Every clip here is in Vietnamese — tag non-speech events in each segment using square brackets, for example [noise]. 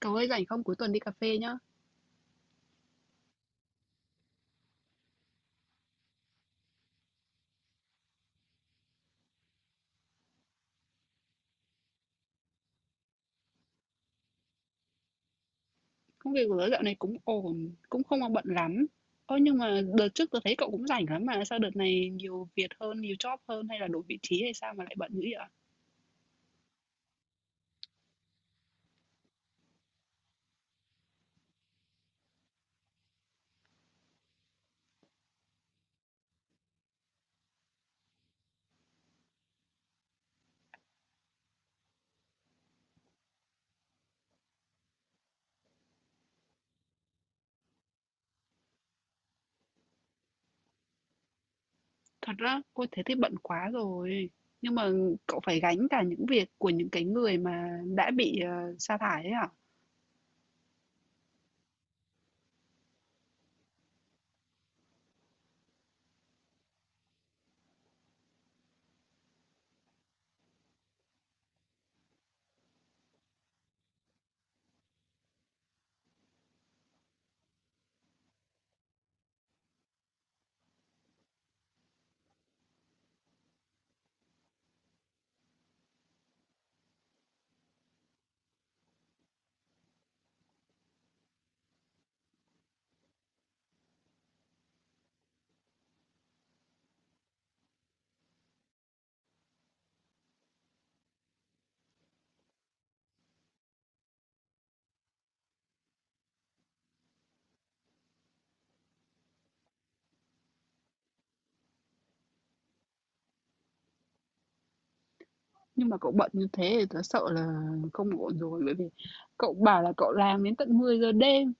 Cậu ơi, rảnh không, cuối tuần đi cà phê nhá. Công việc của tớ dạo này cũng ổn. Cũng không mà bận lắm. Ơ, nhưng mà đợt trước tớ thấy cậu cũng rảnh lắm mà. Sao đợt này nhiều việc hơn, nhiều job hơn? Hay là đổi vị trí hay sao mà lại bận dữ vậy ạ? Thật á? Ôi thế thì bận quá rồi. Nhưng mà cậu phải gánh cả những việc của những cái người mà đã bị sa thải ấy à? Nhưng mà cậu bận như thế thì tớ sợ là không ổn rồi. Bởi vì cậu bảo là cậu làm đến tận 10 giờ đêm,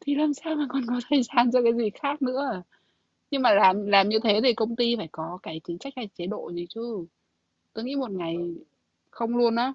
thì làm sao mà còn có thời gian cho cái gì khác nữa à? Nhưng mà làm như thế thì công ty phải có cái chính sách hay chế độ gì chứ. Tôi nghĩ một ngày không luôn á.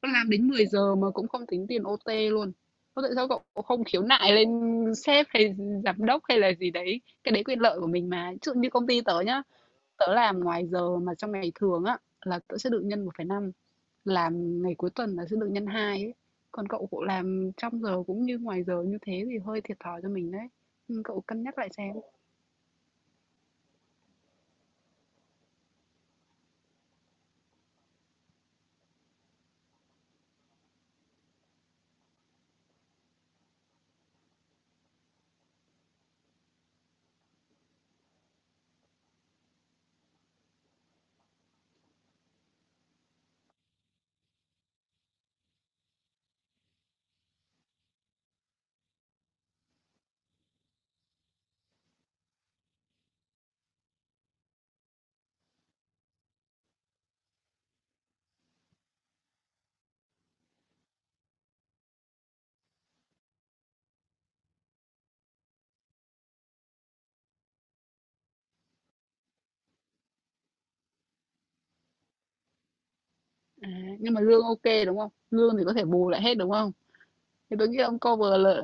Tôi làm đến 10 giờ mà cũng không tính tiền OT luôn. Có tại sao cậu không khiếu nại lên sếp hay giám đốc hay là gì đấy? Cái đấy quyền lợi của mình mà. Ví dụ như công ty tớ nhá, tớ làm ngoài giờ mà trong ngày thường á là tớ sẽ được nhân 1,5, làm ngày cuối tuần là sẽ được nhân 2 ấy. Còn cậu cậu làm trong giờ cũng như ngoài giờ như thế thì hơi thiệt thòi cho mình đấy. Ừ, cậu cân nhắc lại xem. À, nhưng mà lương OK, đúng không? Lương thì có thể bù lại hết, đúng không? Thì tôi nghĩ là ông cover lợi.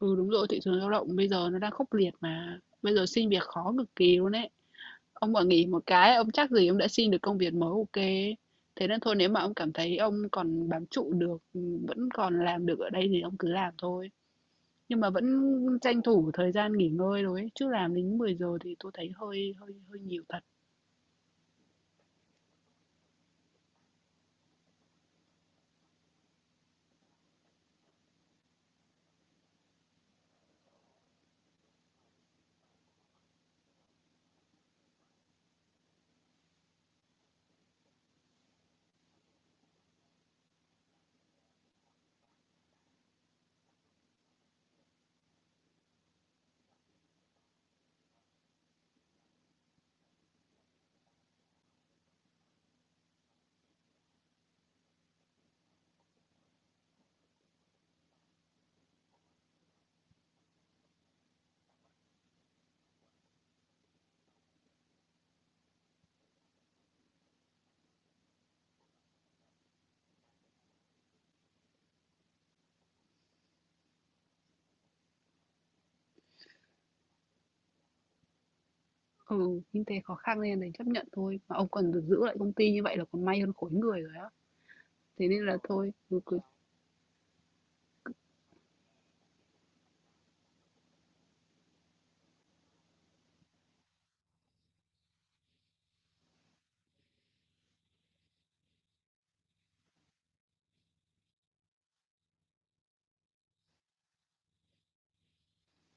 Ừ, đúng rồi, thị trường lao động bây giờ nó đang khốc liệt mà. Bây giờ xin việc khó cực kỳ luôn ấy. Ông mà nghỉ một cái, ông chắc gì ông đã xin được công việc mới. OK, thế nên thôi, nếu mà ông cảm thấy ông còn bám trụ được, ừ, vẫn còn làm được ở đây thì ông cứ làm thôi. Nhưng mà vẫn tranh thủ thời gian nghỉ ngơi rồi ấy. Chứ làm đến 10 giờ thì tôi thấy hơi hơi hơi nhiều thật. Ừ, kinh tế khó khăn nên đành chấp nhận thôi. Mà ông còn được giữ lại công ty như vậy là còn may hơn khối người rồi á. Thế nên là thôi, ừ, cứ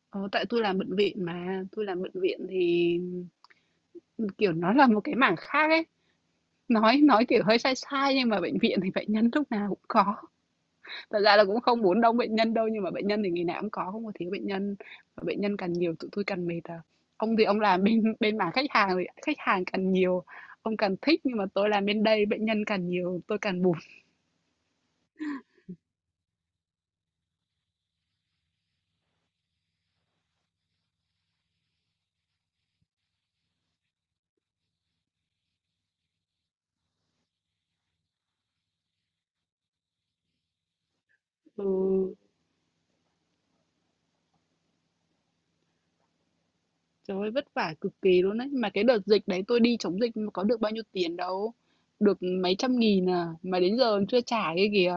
ờ, tại tôi làm bệnh viện mà, tôi làm bệnh viện thì, kiểu, nó là một cái mảng khác ấy. Nói, kiểu, hơi sai sai nhưng mà bệnh viện thì bệnh nhân lúc nào cũng có. Thật ra là cũng không muốn đông bệnh nhân đâu, nhưng mà bệnh nhân thì ngày nào cũng có, không có thiếu bệnh nhân. Mà bệnh nhân càng nhiều tụi tôi càng mệt à. Ông thì ông làm bên bên mảng khách hàng thì khách hàng càng nhiều, ông càng thích, nhưng mà tôi làm bên đây bệnh nhân càng nhiều, tôi càng buồn. Ừ. Trời ơi, vất vả cực kỳ luôn đấy. Mà cái đợt dịch đấy tôi đi chống dịch mà có được bao nhiêu tiền đâu. Được mấy trăm nghìn à. Mà đến giờ còn chưa trả cái kìa.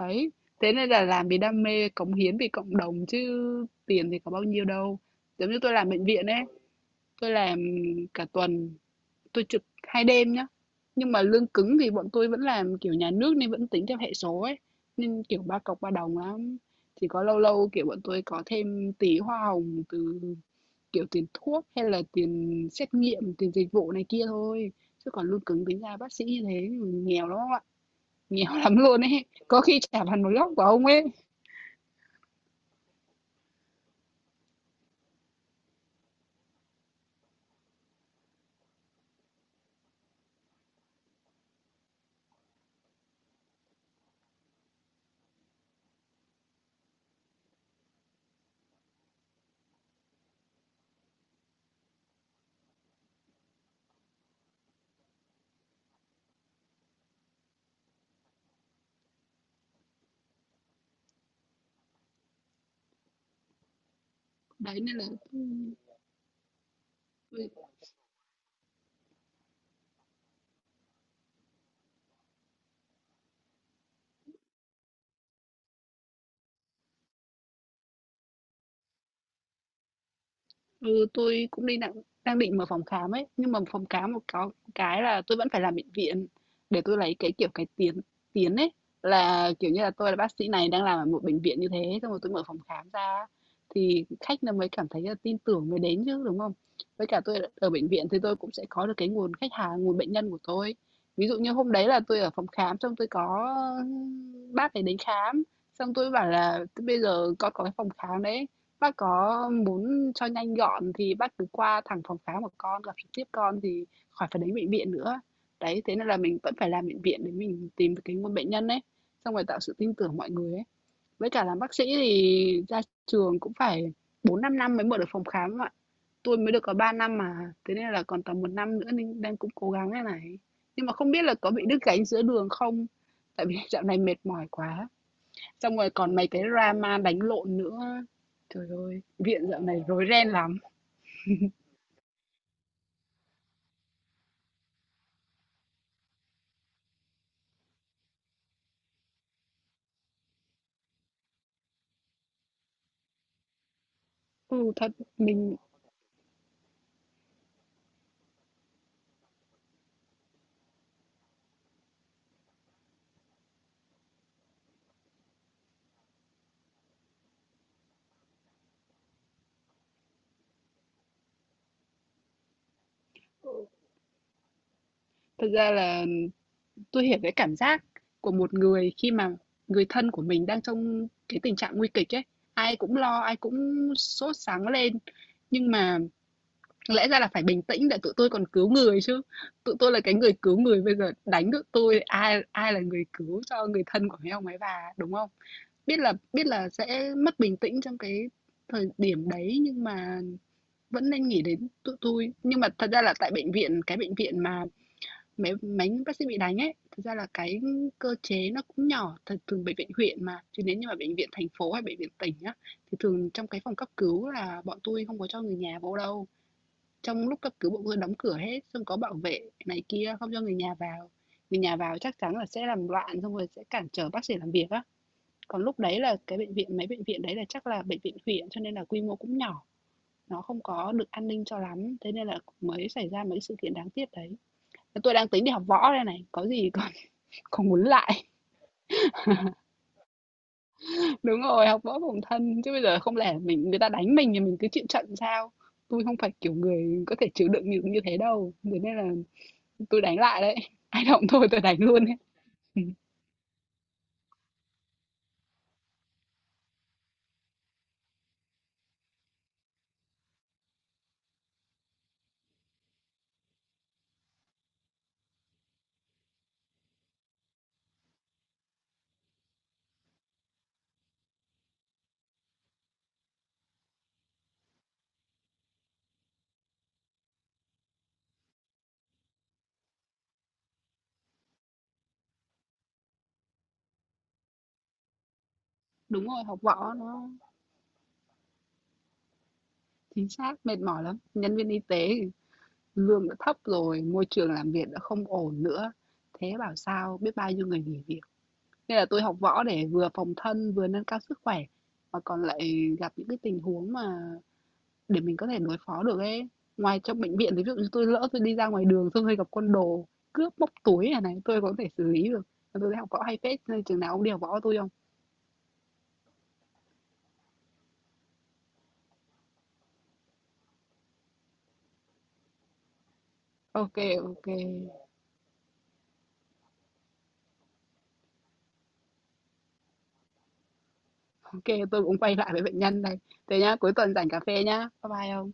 Đấy. Thế nên là làm vì đam mê, cống hiến vì cộng đồng chứ tiền thì có bao nhiêu đâu. Giống như tôi làm bệnh viện ấy. Tôi làm cả tuần. Tôi trực 2 đêm nhá. Nhưng mà lương cứng thì bọn tôi vẫn làm kiểu nhà nước nên vẫn tính theo hệ số ấy, nên, kiểu, ba cọc ba đồng lắm. Chỉ có lâu lâu, kiểu, bọn tôi có thêm tí hoa hồng từ, kiểu, tiền thuốc hay là tiền xét nghiệm, tiền dịch vụ này kia thôi, chứ còn lương cứng tính ra bác sĩ như thế nghèo lắm ông ạ, nghèo [laughs] lắm luôn ấy, có khi chả bằng một góc của ông ấy. Đấy, nên là, tôi Ừ, tôi cũng đi đang đang định mở phòng khám ấy, nhưng mà phòng khám một có cái là tôi vẫn phải làm bệnh viện để tôi lấy cái kiểu cái tiến tiến ấy, là kiểu như là tôi là bác sĩ này đang làm ở một bệnh viện như thế xong rồi tôi mở phòng khám ra thì khách nó mới cảm thấy là tin tưởng mới đến chứ, đúng không? Với cả tôi ở bệnh viện thì tôi cũng sẽ có được cái nguồn khách hàng, nguồn bệnh nhân của tôi. Ví dụ như hôm đấy là tôi ở phòng khám xong tôi có bác ấy đến khám, xong tôi bảo là bây giờ con có cái phòng khám đấy, bác có muốn cho nhanh gọn thì bác cứ qua thẳng phòng khám của con, gặp trực tiếp con thì khỏi phải đến bệnh viện nữa. Đấy, thế nên là mình vẫn phải làm bệnh viện để mình tìm được cái nguồn bệnh nhân ấy, xong rồi tạo sự tin tưởng mọi người ấy. Với cả làm bác sĩ thì ra trường cũng phải bốn năm năm mới mở được phòng khám ạ. Tôi mới được có 3 năm mà, thế nên là còn tầm 1 năm nữa nên đang cũng cố gắng đây này. Nhưng mà không biết là có bị đứt gánh giữa đường không? Tại vì [laughs] dạo này mệt mỏi quá. Xong rồi còn mấy cái drama đánh lộn nữa. Trời ơi, viện dạo này rối ren lắm. Ừ, mình thật ra là tôi hiểu cái cảm giác của một người khi mà người thân của mình đang trong cái tình trạng nguy kịch ấy. Ai cũng lo, ai cũng sốt sắng lên, nhưng mà lẽ ra là phải bình tĩnh để tụi tôi còn cứu người chứ. Tụi tôi là cái người cứu người, bây giờ đánh tụi tôi, ai ai là người cứu cho người thân của mấy ông ấy bà, đúng không? Biết là sẽ mất bình tĩnh trong cái thời điểm đấy, nhưng mà vẫn nên nghĩ đến tụi tôi. Nhưng mà thật ra là tại bệnh viện, cái bệnh viện mà mấy mấy bác sĩ bị đánh ấy, thật ra là cái cơ chế nó cũng nhỏ, thật thường bệnh viện huyện mà, chứ nếu như mà bệnh viện thành phố hay bệnh viện tỉnh á, thì thường trong cái phòng cấp cứu là bọn tôi không có cho người nhà vô đâu. Trong lúc cấp cứu bọn tôi đóng cửa hết, xong có bảo vệ này kia, không cho người nhà vào. Người nhà vào chắc chắn là sẽ làm loạn, xong rồi sẽ cản trở bác sĩ làm việc á. Còn lúc đấy là cái bệnh viện, mấy bệnh viện đấy là chắc là bệnh viện huyện, cho nên là quy mô cũng nhỏ, nó không có được an ninh cho lắm, thế nên là mới xảy ra mấy sự kiện đáng tiếc đấy. Tôi đang tính đi học võ đây này, có gì [laughs] còn còn muốn lại. Đúng rồi, học võ phòng thân, chứ bây giờ không lẽ mình người ta đánh mình thì mình cứ chịu trận sao? Tôi không phải kiểu người có thể chịu đựng như như thế đâu, thế nên là tôi đánh lại đấy. [laughs] Ai động thôi tôi đánh luôn ấy. [laughs] Đúng rồi, học võ nó chính xác, mệt mỏi lắm. Nhân viên y tế lương đã thấp rồi, môi trường làm việc đã không ổn nữa, thế bảo sao biết bao nhiêu người nghỉ việc. Nên là tôi học võ để vừa phòng thân vừa nâng cao sức khỏe, mà còn lại gặp những cái tình huống mà để mình có thể đối phó được ấy. Ngoài trong bệnh viện thì ví dụ như tôi lỡ tôi đi ra ngoài đường, tôi hơi gặp con đồ cướp móc túi này này tôi có thể xử lý được. Tôi thấy học võ hay phết, nên chừng nào ông đi học võ tôi không. OK, OK, ok tôi cũng quay lại với bệnh nhân đây. Thế nhá, cuối tuần rảnh cà phê nhá, bye bye ông.